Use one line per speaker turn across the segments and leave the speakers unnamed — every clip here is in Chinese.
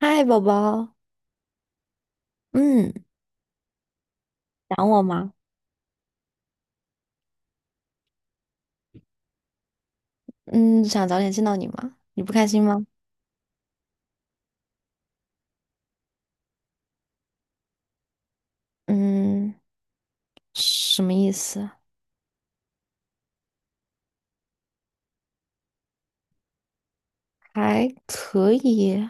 嗨，宝宝，嗯，想我吗？嗯，想早点见到你吗？你不开心吗？嗯，什么意思？还可以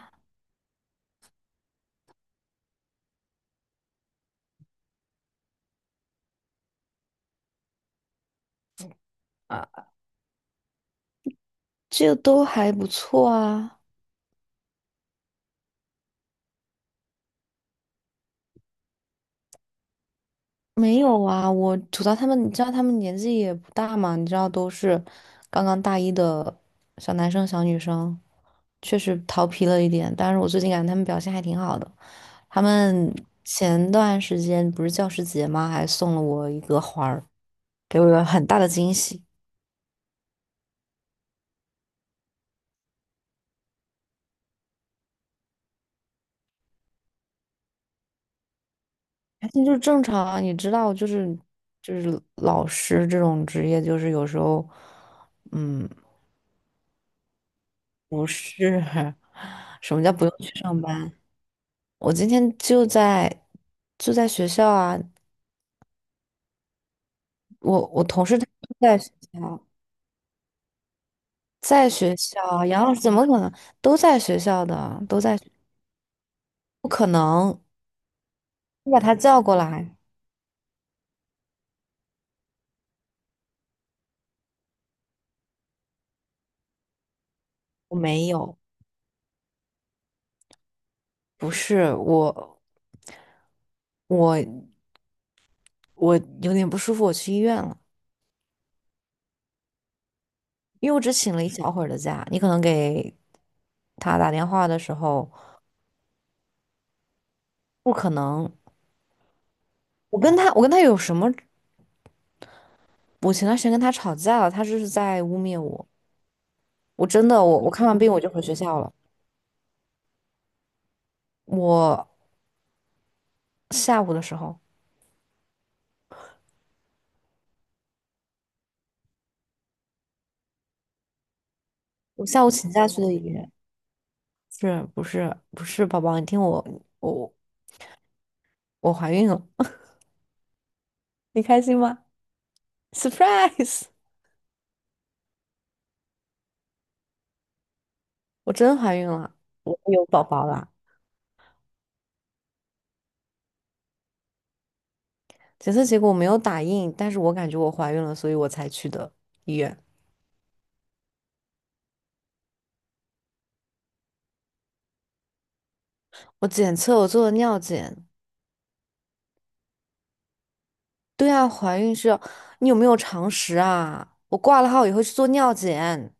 啊，这都还不错啊。没有啊，我吐槽他们，你知道他们年纪也不大嘛，你知道都是刚刚大一的小男生、小女生，确实调皮了一点。但是我最近感觉他们表现还挺好的。他们前段时间不是教师节吗？还送了我一个花儿。给我了很大的惊喜。那就正常啊，你知道，就是老师这种职业，就是有时候，嗯，不是 什么叫不用去上班。我今天就在学校啊，我同事他都在学校，在学校啊，杨老师怎么可能都在学校的，都在，不可能，你把他叫过来，我没有，不是我，我我有点不舒服，我去医院了。因为我只请了一小会儿的假，你可能给他打电话的时候，不可能。我跟他有什么？我前段时间跟他吵架了，他就是在污蔑我。我真的，我看完病我就回学校了。我下午的时候，我下午请假去的医院，是不是不是，宝宝，你听我，我我怀孕了，你开心吗？Surprise！我真怀孕了，我有宝宝了。检测结果我没有打印，但是我感觉我怀孕了，所以我才去的医院。我做了尿检，对啊，怀孕是要，你有没有常识啊？我挂了号以后去做尿检，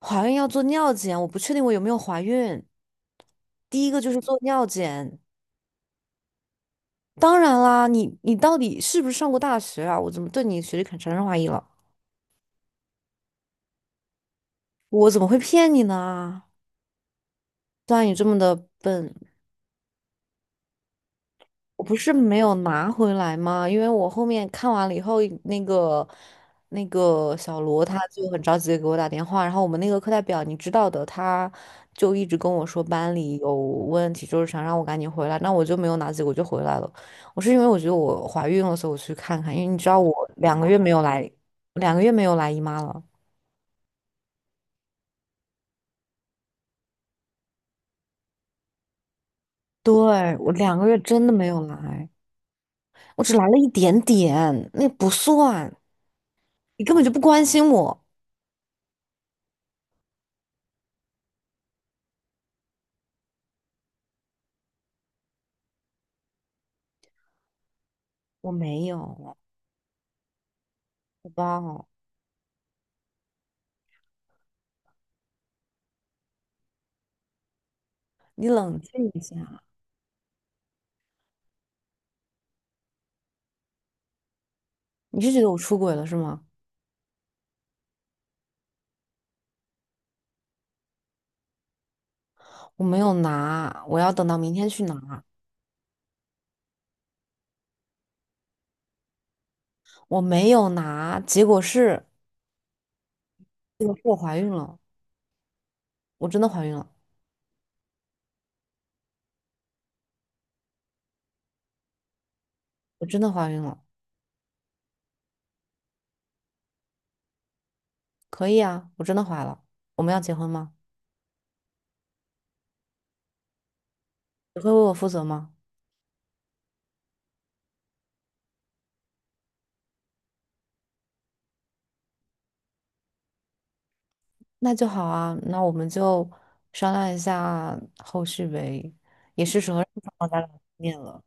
怀孕要做尿检，我不确定我有没有怀孕。第一个就是做尿检，当然啦，你到底是不是上过大学啊？我怎么对你学历产生怀疑了？我怎么会骗你呢？虽然你这么的笨，我不是没有拿回来吗？因为我后面看完了以后，那个那个小罗他就很着急的给我打电话，然后我们那个课代表你知道的，他就一直跟我说班里有问题，就是想让我赶紧回来，那我就没有拿结果就回来了。我是因为我觉得我怀孕了，所以我去看看，因为你知道我两个月没有来，两个月没有来姨妈了。对，我两个月真的没有来，我只来了一点点，那不算，你根本就不关心我，我没有。宝宝，你冷静一下，你是觉得我出轨了是吗？我没有拿，我要等到明天去拿。我没有拿，结果是我怀孕了，我真的怀孕了，我真的怀孕了。可以啊，我真的怀了。我们要结婚吗？你会为我负责吗？那就好啊，那我们就商量一下后续呗。也是时候让双方家长见面了。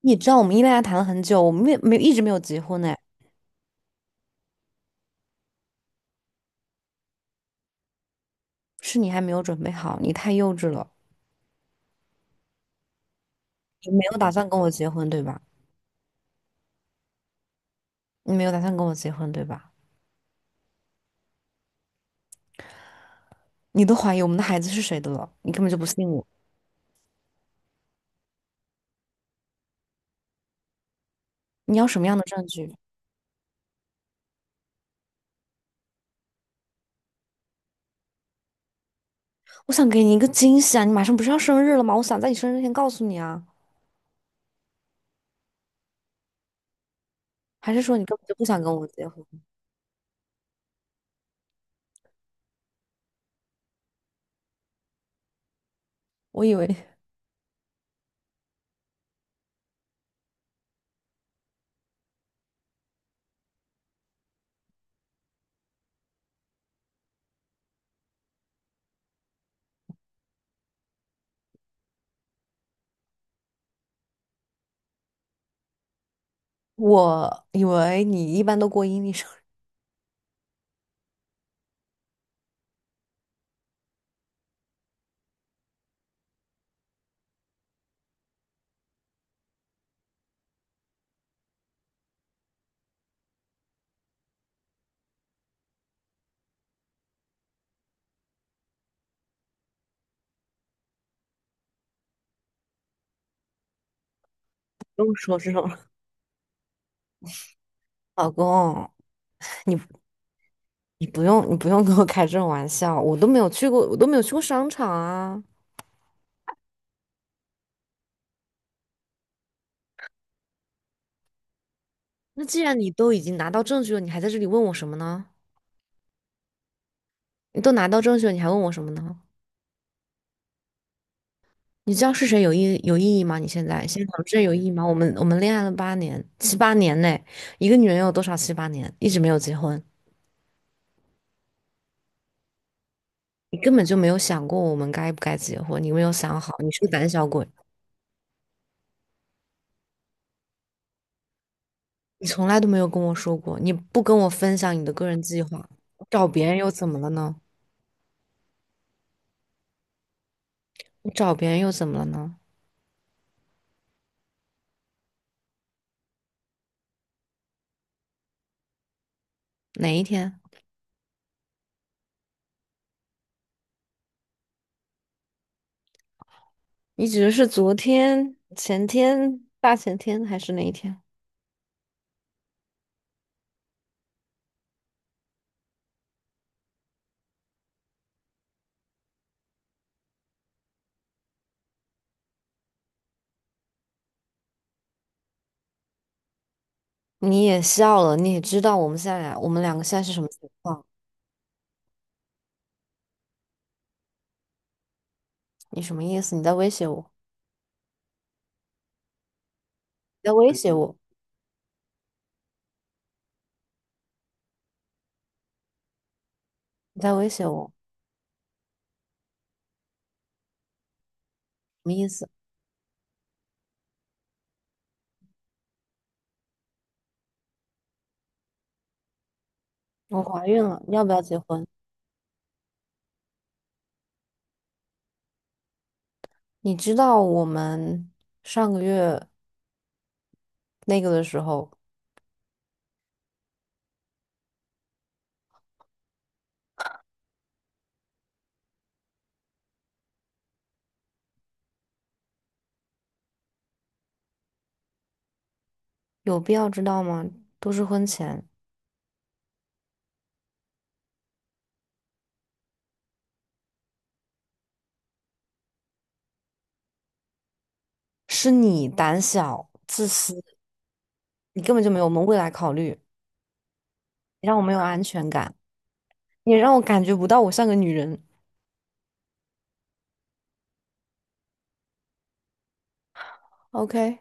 你知道我们恋爱谈了很久，我们没一直没有结婚呢，是你还没有准备好，你太幼稚了。你没有打算跟我结婚，对吧？你没有打算跟我结婚，对吧？你都怀疑我们的孩子是谁的了，你根本就不信我。你要什么样的证据？我想给你一个惊喜啊！你马上不是要生日了吗？我想在你生日前告诉你啊。还是说你根本就不想跟我结婚？我以为，我以为你一般都过阴历生日，不用说这种了老公，你你不用跟我开这种玩笑，我都没有去过，我都没有去过商场啊。那既然你都已经拿到证据了，你还在这里问我什么呢？你都拿到证据了，你还问我什么呢？你知道是谁有意义吗？你现在有意义吗？我们恋爱了八年，七八年呢，一个女人有多少七八年一直没有结婚？你根本就没有想过我们该不该结婚，你没有想好，你是个胆小鬼，你从来都没有跟我说过，你不跟我分享你的个人计划，找别人又怎么了呢？你找别人又怎么了呢？哪一天？你指的是昨天、前天、大前天还是哪一天？你也笑了，你也知道我们两个现在是什么情况？你什么意思？你在威胁我？你在威胁我，你在威胁我，什么意思？我怀孕了，你要不要结婚？你知道我们上个月那个的时候，有必要知道吗？都是婚前，是你胆小自私，你根本就没有我们未来考虑，你让我没有安全感，你让我感觉不到我像个女人。OK，